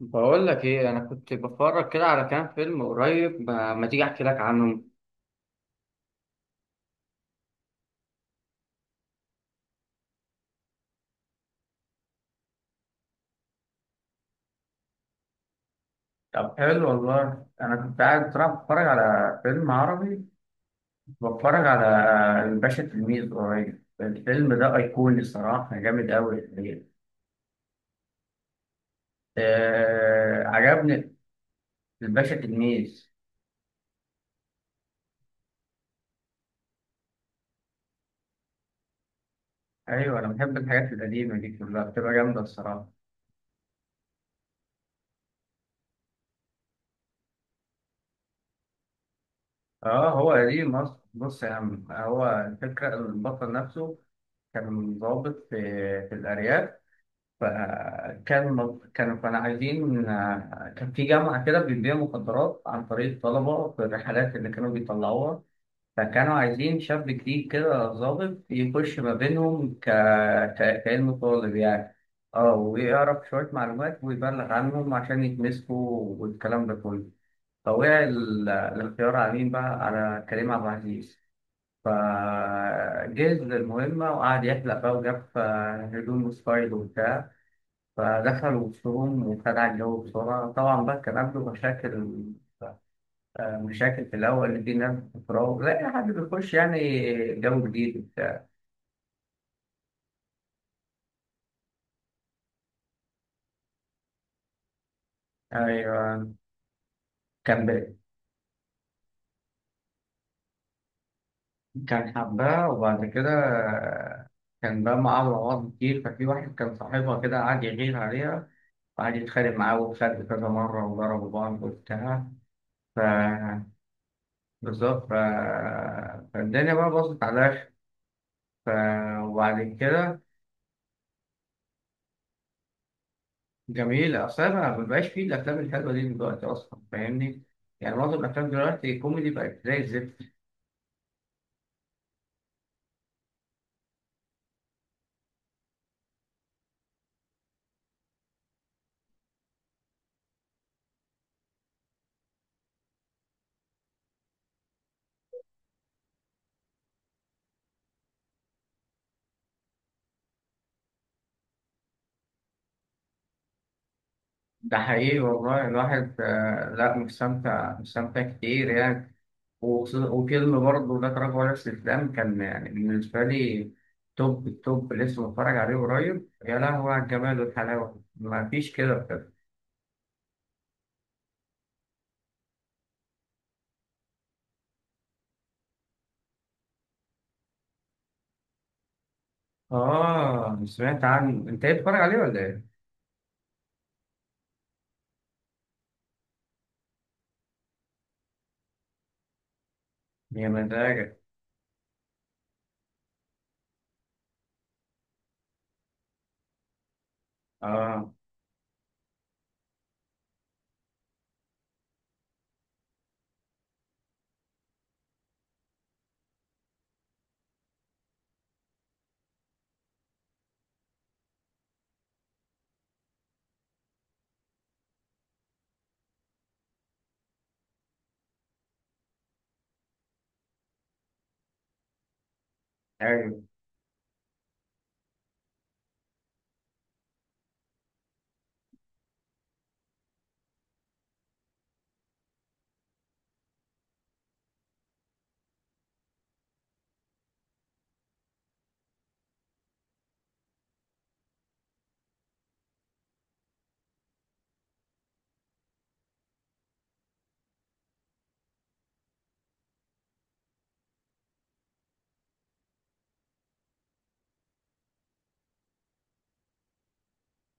بقول لك ايه، انا كنت بتفرج كده على كام فيلم قريب. ما تيجي احكي لك عنهم. طب حلو والله، أنا كنت قاعد بصراحة بتفرج على فيلم عربي. بتفرج على الباشا تلميذ قريب. الفيلم ده أيقوني الصراحة، جامد أوي الحقيقة. آه، عجبني. الباشا تلميذ. أيوه، أنا بحب الحاجات القديمة دي، كلها بتبقى جامدة الصراحة. أه، هو قديم أصلا. بص يا عم، هو الفكرة إن البطل نفسه كان ضابط في الأرياف. فكان كانوا كانوا عايزين كان في جامعة كده بتبيع مخدرات عن طريق الطلبة في الرحلات اللي كانوا بيطلعوها. فكانوا عايزين شاب جديد كده ظابط يخش ما بينهم كأنه طالب يعني. اه، ويعرف شوية معلومات ويبلغ عنهم عشان يتمسكوا والكلام ده كله. فوقع الاختيار على مين بقى، على كريم عبد العزيز. فجهز للمهمة وقعد يحلق بقى وجاب هدوم وستايل وبتاع. فدخل وسطهم وخدع الجو بسرعة، طبعا بقى كان عنده مشاكل. مشاكل في الأول، اللي دي ناس بتراوغ لا أي حد بيخش يعني. جو جديد وبتاع. أيوة. كان ب... كان حباه وبعد كده. آه، كان بقى معاه أمراض كتير، ففي واحد كان صاحبها كده قعد يغير عليها، وقعد يتخانق معاه وخد كذا مرة وضربوا بعض وبتاع. ف بالظبط. فالدنيا بقى باظت على الآخر. ف... وبعد كده. جميل، اصل انا ما بقاش فيه الافلام الحلوه دي دلوقتي اصلا، فاهمني؟ يعني معظم الافلام دلوقتي كوميدي بقت زي الزفت. ده حقيقي والله. الواحد لا، مستمتع مستمتع كتير يعني. وفيلم برضه لا تراجع ولا استسلام كان يعني بالنسبه لي توب التوب. لسه بتفرج عليه قريب، يا لهوي على الجمال والحلاوه، ما فيش كده بجد. اه، سمعت عنه. انت ايه بتتفرج عليه ولا ايه؟ يا مزاجك. اه. ايوه.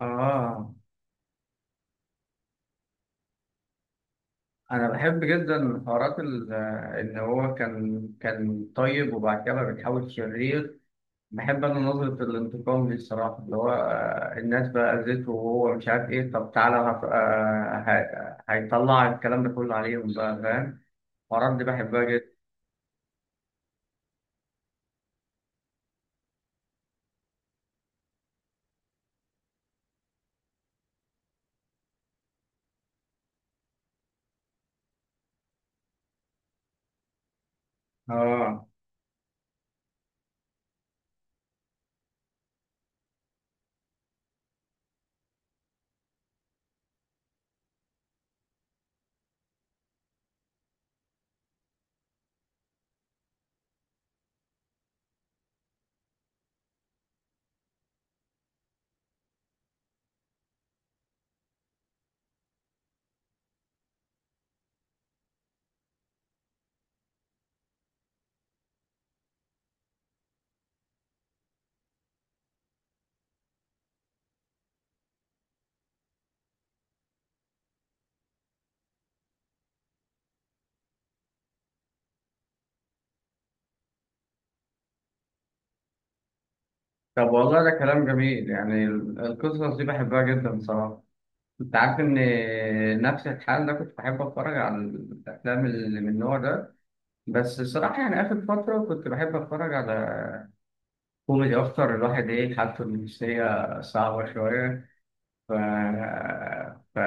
اه. انا بحب جدا من حوارات ان هو كان طيب وبعد كده بقى بيتحول شرير. بحب انا نظرة الانتقام دي الصراحة، اللي هو الناس بقى اذته وهو مش عارف ايه، طب تعالى هيطلع الكلام ده كله عليهم بقى، فاهم؟ الحوارات دي بحبها جدا. اه. طب والله ده كلام جميل. يعني القصص دي بحبها جدا بصراحة. انت عارف ان نفس الحال ده، كنت بحب اتفرج على الافلام اللي من النوع ده. بس الصراحة، يعني آخر فترة كنت بحب أتفرج على كوميدي أكتر، الواحد إيه حالته النفسية صعبة شوية. ف... ف...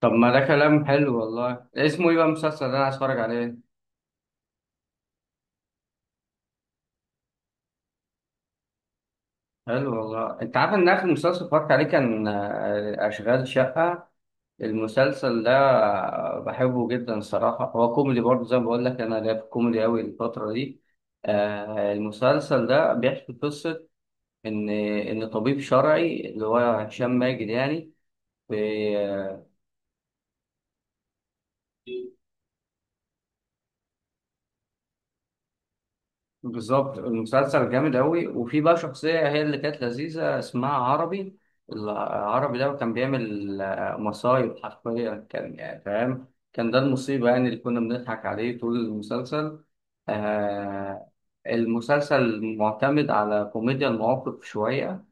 طب ما ده كلام حلو والله، اسمه إيه بقى المسلسل ده؟ أنا عايز أتفرج عليه. حلو والله. أنت عارف إن آخر مسلسل اتفرجت عليه كان أشغال شقة. المسلسل ده بحبه جدا الصراحة. هو كوميدي برضه، زي ما بقول لك أنا ليا في الكوميدي أوي الفترة دي. المسلسل ده بيحكي قصة إن طبيب شرعي اللي هو هشام ماجد يعني. بالظبط، المسلسل جامد أوي. وفي بقى شخصية هي اللي كانت لذيذة، اسمها عربي. العربي ده كان بيعمل مصايب، حرفيا كان يعني فاهم. كان ده المصيبة يعني، اللي كنا بنضحك عليه طول المسلسل. آه المسلسل معتمد على كوميديا المواقف شوية.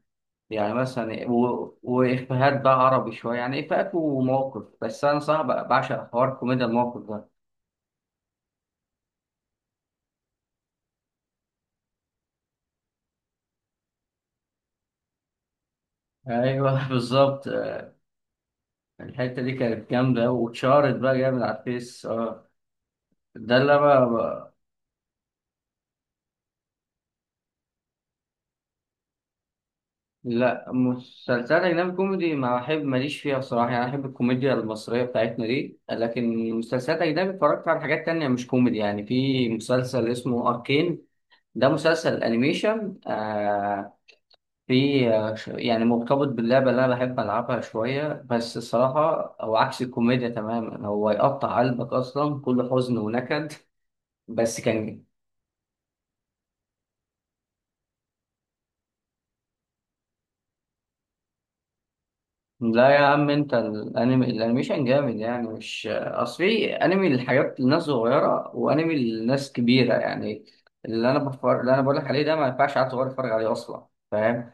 يعني مثلا وإفيهات بقى، عربي شوية يعني، إفيهات ومواقف. بس أنا صعب بعشق حوار كوميديا المواقف ده. أيوه، بالظبط. الحتة دي كانت جامدة واتشهرت بقى جامد على الفيس، اه. ده اللي أنا. لا، مسلسلات أجنبي كوميدي ما أحب، ماليش فيها بصراحة. يعني أنا أحب الكوميديا المصرية بتاعتنا دي، لكن مسلسلات أجنبي اتفرجت على حاجات تانية مش كوميدي. يعني في مسلسل اسمه أركين. ده مسلسل أنيميشن. في يعني مرتبط باللعبة اللي أنا بحب ألعبها شوية، بس الصراحة هو عكس الكوميديا تماما، هو يقطع قلبك أصلا، كله حزن ونكد. بس كان لا يا عم، انت الانمي الانيميشن جامد يعني. مش اصل في انمي للحاجات للناس صغيره، وانمي للناس كبيره يعني. اللي انا بقول لك عليه ده ما ينفعش عيل صغير يتفرج عليه اصلا، فاهم؟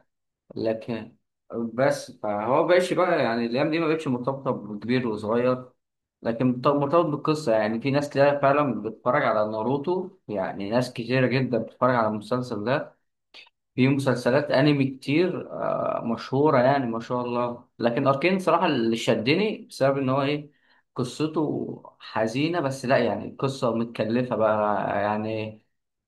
لكن بس فهو بقاش بقى، يعني الايام دي ما بقتش مرتبطه بكبير وصغير. لكن مرتبط بالقصه، يعني في ناس كتير فعلا بتتفرج على ناروتو، يعني ناس كتيره جدا بتتفرج على المسلسل ده. في مسلسلات انمي كتير مشهورة يعني، ما شاء الله. لكن اركين صراحة اللي شدني بسبب ان هو ايه، قصته حزينة. بس لا يعني القصة متكلفة بقى يعني،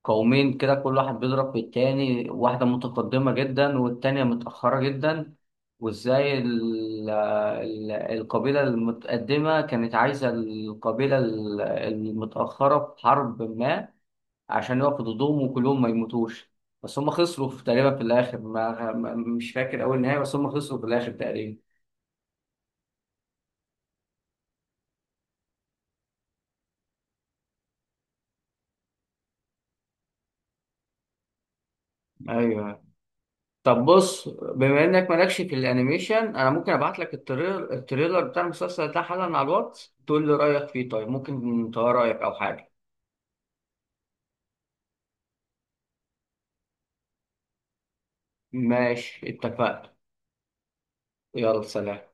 قومين كده كل واحد بيضرب في التاني، واحدة متقدمة جدا والتانية متأخرة جدا. وازاي القبيلة المتقدمة كانت عايزة القبيلة المتأخرة في حرب ما، عشان يقفوا ضدهم وكلهم ما يموتوش. بس هم خسروا في تقريبا في الاخر، مش فاكر اول نهاية، بس هم خسروا في الاخر تقريبا. ايوه. طب بص، بما انك مالكش في الانيميشن، انا ممكن ابعت لك التريلر بتاع المسلسل ده حالا على الواتس، تقول لي رايك فيه. طيب ممكن تغير رايك او حاجه. ماشي، اتفقنا. يلا سلام.